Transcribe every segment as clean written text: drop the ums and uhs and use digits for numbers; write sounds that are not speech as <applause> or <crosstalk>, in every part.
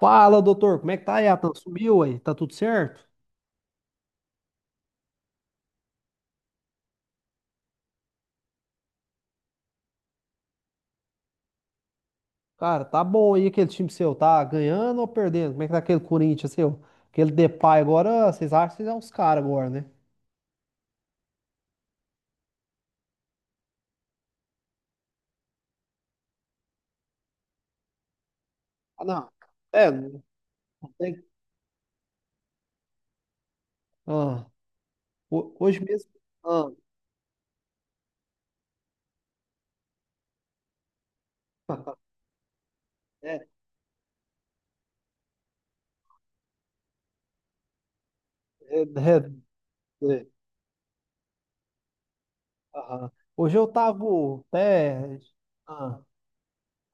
Fala, doutor, como é que tá, Yatan? Sumiu aí? Tá tudo certo? Cara, tá bom aí aquele time seu, tá ganhando ou perdendo? Como é que tá aquele Corinthians seu? Aquele Depay agora, vocês acham que vocês são os caras agora, né? Ah, não. É, não tem. Ah, hoje mesmo. Ah, <laughs> é, é, é, é, aham. Hoje eu tava até. Ah,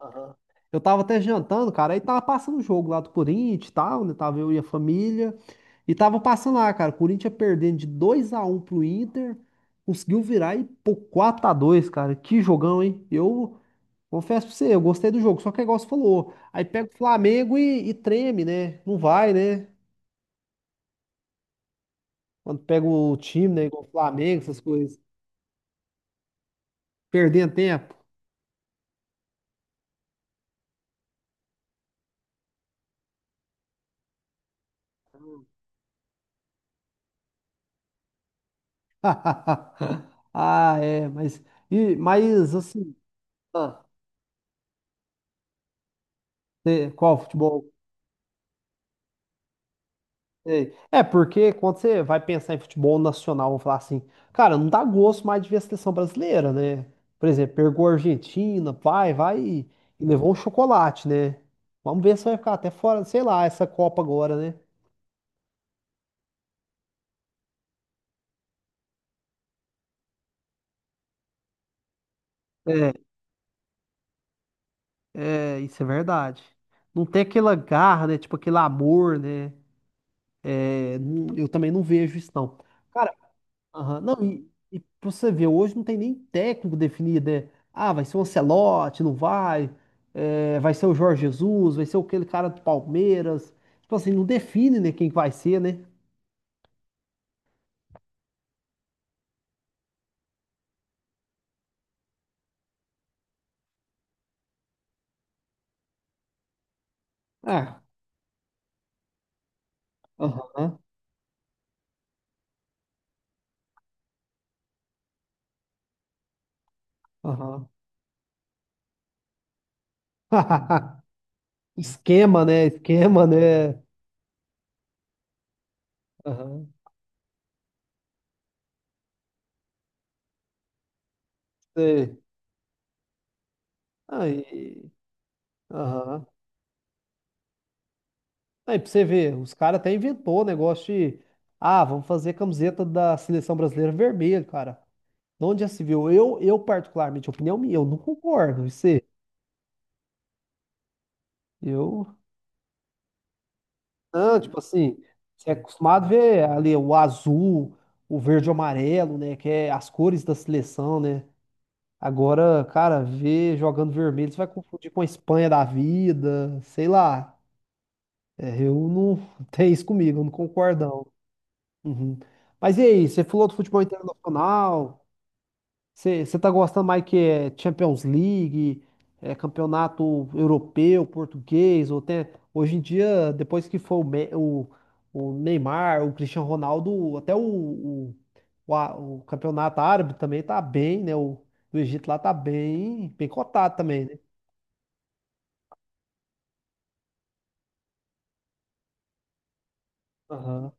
aham. Eu tava até jantando, cara, aí tava passando o jogo lá do Corinthians e tal, né? Tava eu e a família. E tava passando lá, cara. O Corinthians perdendo de 2-1 pro Inter. Conseguiu virar e pô, 4-2, cara. Que jogão, hein? Eu confesso pra você, eu gostei do jogo. Só que é igual você falou. Aí pega o Flamengo e treme, né? Não vai, né? Quando pega o time, né? Igual o Flamengo, essas coisas. Perdendo tempo. <laughs> Ah, é. Mas assim, ah, é, qual futebol? Sei. É, porque quando você vai pensar em futebol nacional, vamos falar assim, cara, não dá gosto mais de ver a seleção brasileira, né? Por exemplo, pegou a Argentina, vai e levou um chocolate, né? Vamos ver se vai ficar até fora, sei lá, essa Copa agora, né? É, é, isso é verdade. Não tem aquela garra, né? Tipo aquele amor, né? É, eu também não vejo isso, não. Aham. Não, e pra você ver, hoje não tem nem técnico definido, né? Ah, vai ser o Ancelotti, não vai? É, vai ser o Jorge Jesus, vai ser aquele cara do Palmeiras. Tipo assim, não define, né, quem que vai ser, né? Ah, aham, aham. <laughs> Esquema, né? Esquema, né? Aham, sei. Aí, aham. Aí pra você ver, os caras até inventou o negócio de, ah, vamos fazer camiseta da seleção brasileira vermelha, cara. Onde já se viu? Eu particularmente, opinião minha, eu não concordo. E Você, eu, não, tipo assim, você é acostumado a ver ali o azul, o verde e o amarelo, né? Que é as cores da seleção, né? Agora, cara, ver jogando vermelho, você vai confundir com a Espanha da vida, sei lá. É, eu não <laughs> tem isso comigo, eu não concordo, não. Uhum. Mas e aí, você falou do futebol internacional? Você tá gostando mais que é Champions League, é campeonato europeu, português, ou tem, hoje em dia, depois que foi o, o Neymar, o Cristiano Ronaldo, até o, o campeonato árabe também tá bem, né? O do Egito lá tá bem, bem cotado também, né? Aham,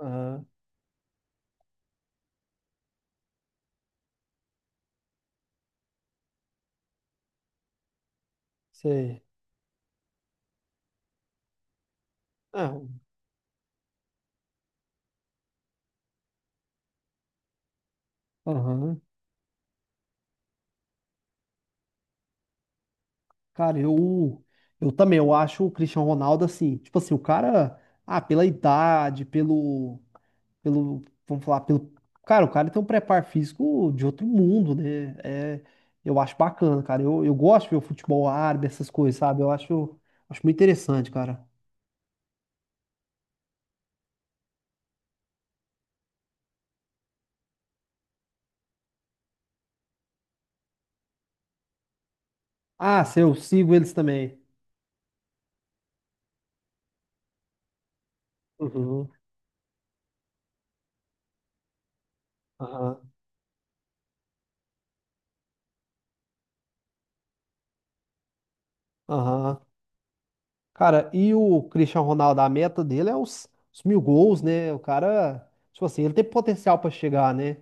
aham, sei. Ah, Aham. Cara, eu também, eu acho o Cristiano Ronaldo assim, tipo assim, o cara, ah, pela idade, pelo. Pelo, vamos falar, pelo, cara, o cara tem um preparo físico de outro mundo, né? É, eu acho bacana, cara. Eu gosto de ver o futebol árabe, essas coisas, sabe? Eu acho, acho muito interessante, cara. Ah, sim, eu sigo eles também. Uhum, aham, aham. Cara, e o Cristiano Ronaldo, a meta dele é os 1.000 gols, né? O cara, tipo assim, ele tem potencial pra chegar, né?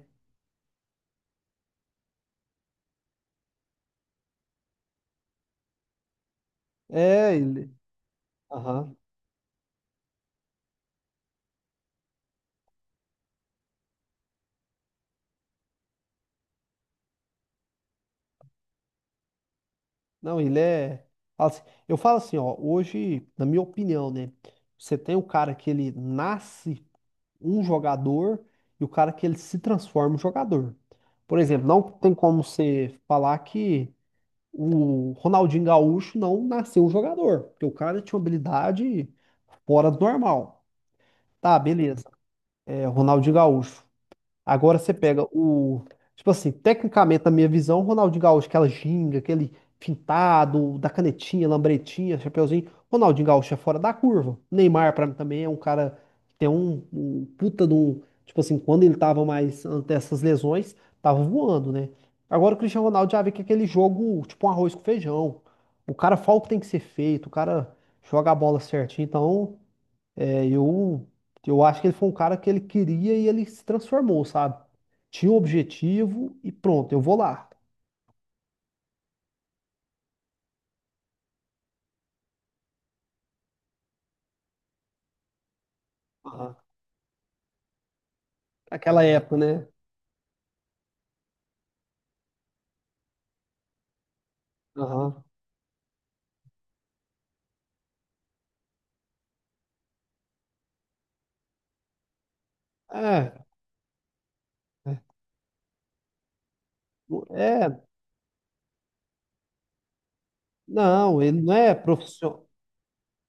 É, ele. Aham. Não, ele é. Assim, eu falo assim, ó, hoje, na minha opinião, né? Você tem o cara que ele nasce um jogador e o cara que ele se transforma um jogador. Por exemplo, não tem como você falar que o Ronaldinho Gaúcho não nasceu um jogador, porque o cara tinha uma habilidade fora do normal. Tá, beleza. É, Ronaldinho Gaúcho. Agora você pega o. Tipo assim, tecnicamente, na minha visão, o Ronaldinho Gaúcho, aquela ginga, aquele fintado, da canetinha, lambretinha, chapeuzinho. Ronaldinho Gaúcho é fora da curva. Neymar, pra mim, também é um cara que tem um puta de um. Tipo assim, quando ele tava mais antes dessas lesões, tava voando, né? Agora o Cristiano Ronaldo já vê que é aquele jogo, tipo um arroz com feijão. O cara fala o que tem que ser feito, o cara joga a bola certinho. Então. É, eu acho que ele foi um cara que ele queria e ele se transformou, sabe? Tinha um objetivo e pronto, eu vou lá. Aham. Aquela época, né? Aham. É, é, não, é, não, ele não é profissional,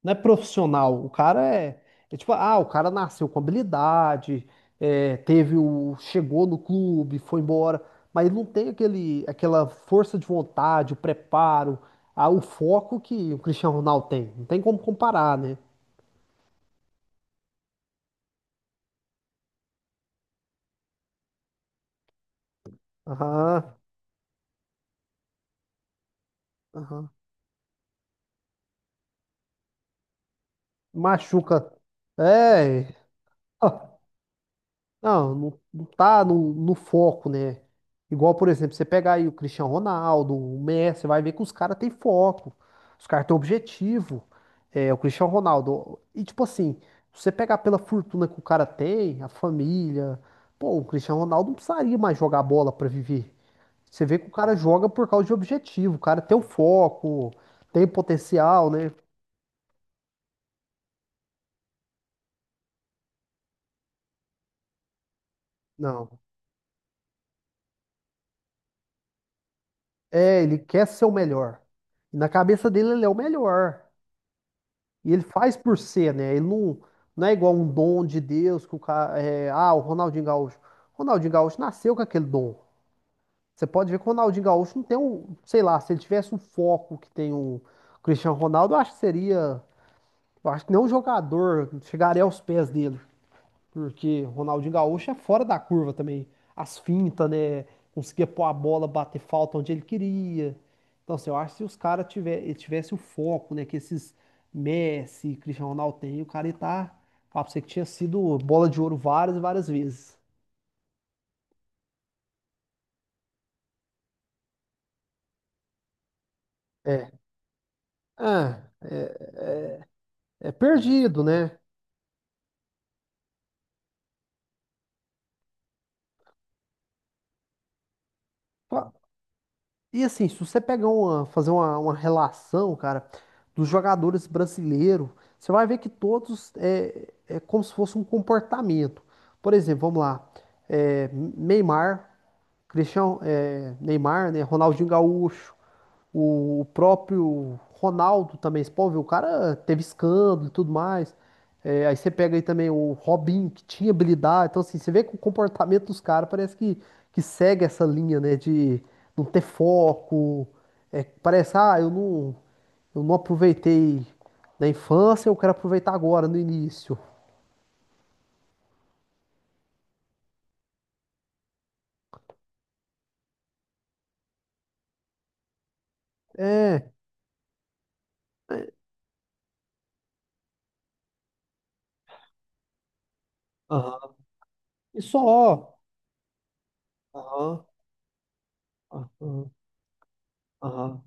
não é profissional. O cara é, é tipo, ah, o cara nasceu com habilidade, é, teve o, chegou no clube, foi embora, mas ele não tem aquele, aquela força de vontade, o preparo, ah, o foco que o Cristiano Ronaldo tem. Não tem como comparar, né? Aham, aham. Machuca. É. ah, Não, não, não tá no, no foco, né? Igual, por exemplo, você pegar aí o Cristiano Ronaldo, o Messi, você vai ver que os caras têm foco. Os caras têm objetivo. É, o Cristiano Ronaldo. E tipo assim, se você pegar pela fortuna que o cara tem, a família. Pô, o Cristiano Ronaldo não precisaria mais jogar bola pra viver. Você vê que o cara joga por causa de objetivo. O cara tem o foco, tem potencial, né? Não. É, ele quer ser o melhor. E na cabeça dele, ele é o melhor. E ele faz por ser, né? Ele não, não é igual um dom de Deus que o cara. É, ah, o Ronaldinho Gaúcho. Ronaldinho Gaúcho nasceu com aquele dom. Você pode ver que o Ronaldinho Gaúcho não tem um. Sei lá, se ele tivesse um foco que tem o Cristiano Ronaldo, eu acho que seria. Eu acho que nenhum jogador chegaria aos pés dele. Porque Ronaldinho Gaúcho é fora da curva também. As fintas, né? Conseguia pôr a bola, bater falta onde ele queria. Então, assim, eu acho que se os caras tiver, tivesse o foco, né? Que esses Messi, Cristiano Ronaldo tem, o cara ia tá. Fala pra você que tinha sido bola de ouro várias e várias vezes. É, ah, é, é perdido, né? E assim, se você pegar uma, fazer uma relação, cara, dos jogadores brasileiros, você vai ver que todos é, é como se fosse um comportamento. Por exemplo, vamos lá, é, Neymar. Cristiano, é, Neymar, né? Ronaldinho Gaúcho, o próprio Ronaldo também, você pode ver, o cara teve escândalo e tudo mais. É, aí você pega aí também o Robinho, que tinha habilidade. Então, assim, você vê que o comportamento dos caras parece que segue essa linha, né? De não ter foco. É, parece, ah, eu não aproveitei na infância, eu quero aproveitar agora, no início. É. é, Aham. E só. Aham. Aham. Aham.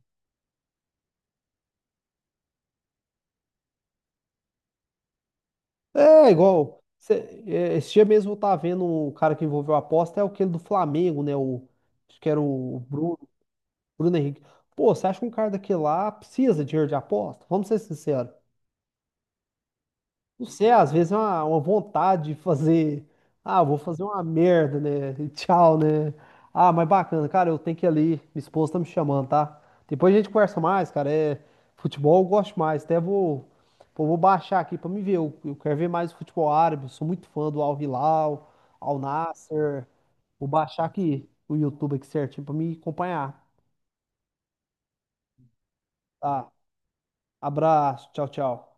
É, igual. É, esse dia mesmo eu tava vendo o cara que envolveu a aposta, é aquele do Flamengo, né? O, acho que era o Bruno, Bruno Henrique. Pô, você acha que um cara daquele lá precisa de dinheiro de aposta? Vamos ser sinceros. Não sei, às vezes é uma vontade de fazer. Ah, vou fazer uma merda, né? E tchau, né? Ah, mas bacana, cara, eu tenho que ir ali. Minha esposa tá me chamando, tá? Depois a gente conversa mais, cara. É, futebol eu gosto mais. Até vou, pô, vou baixar aqui pra me ver. Eu quero ver mais futebol árabe. Eu sou muito fã do Al Hilal, Al Nassr. Vou baixar aqui o YouTube aqui certinho pra me acompanhar. Tá? Abraço, tchau, tchau.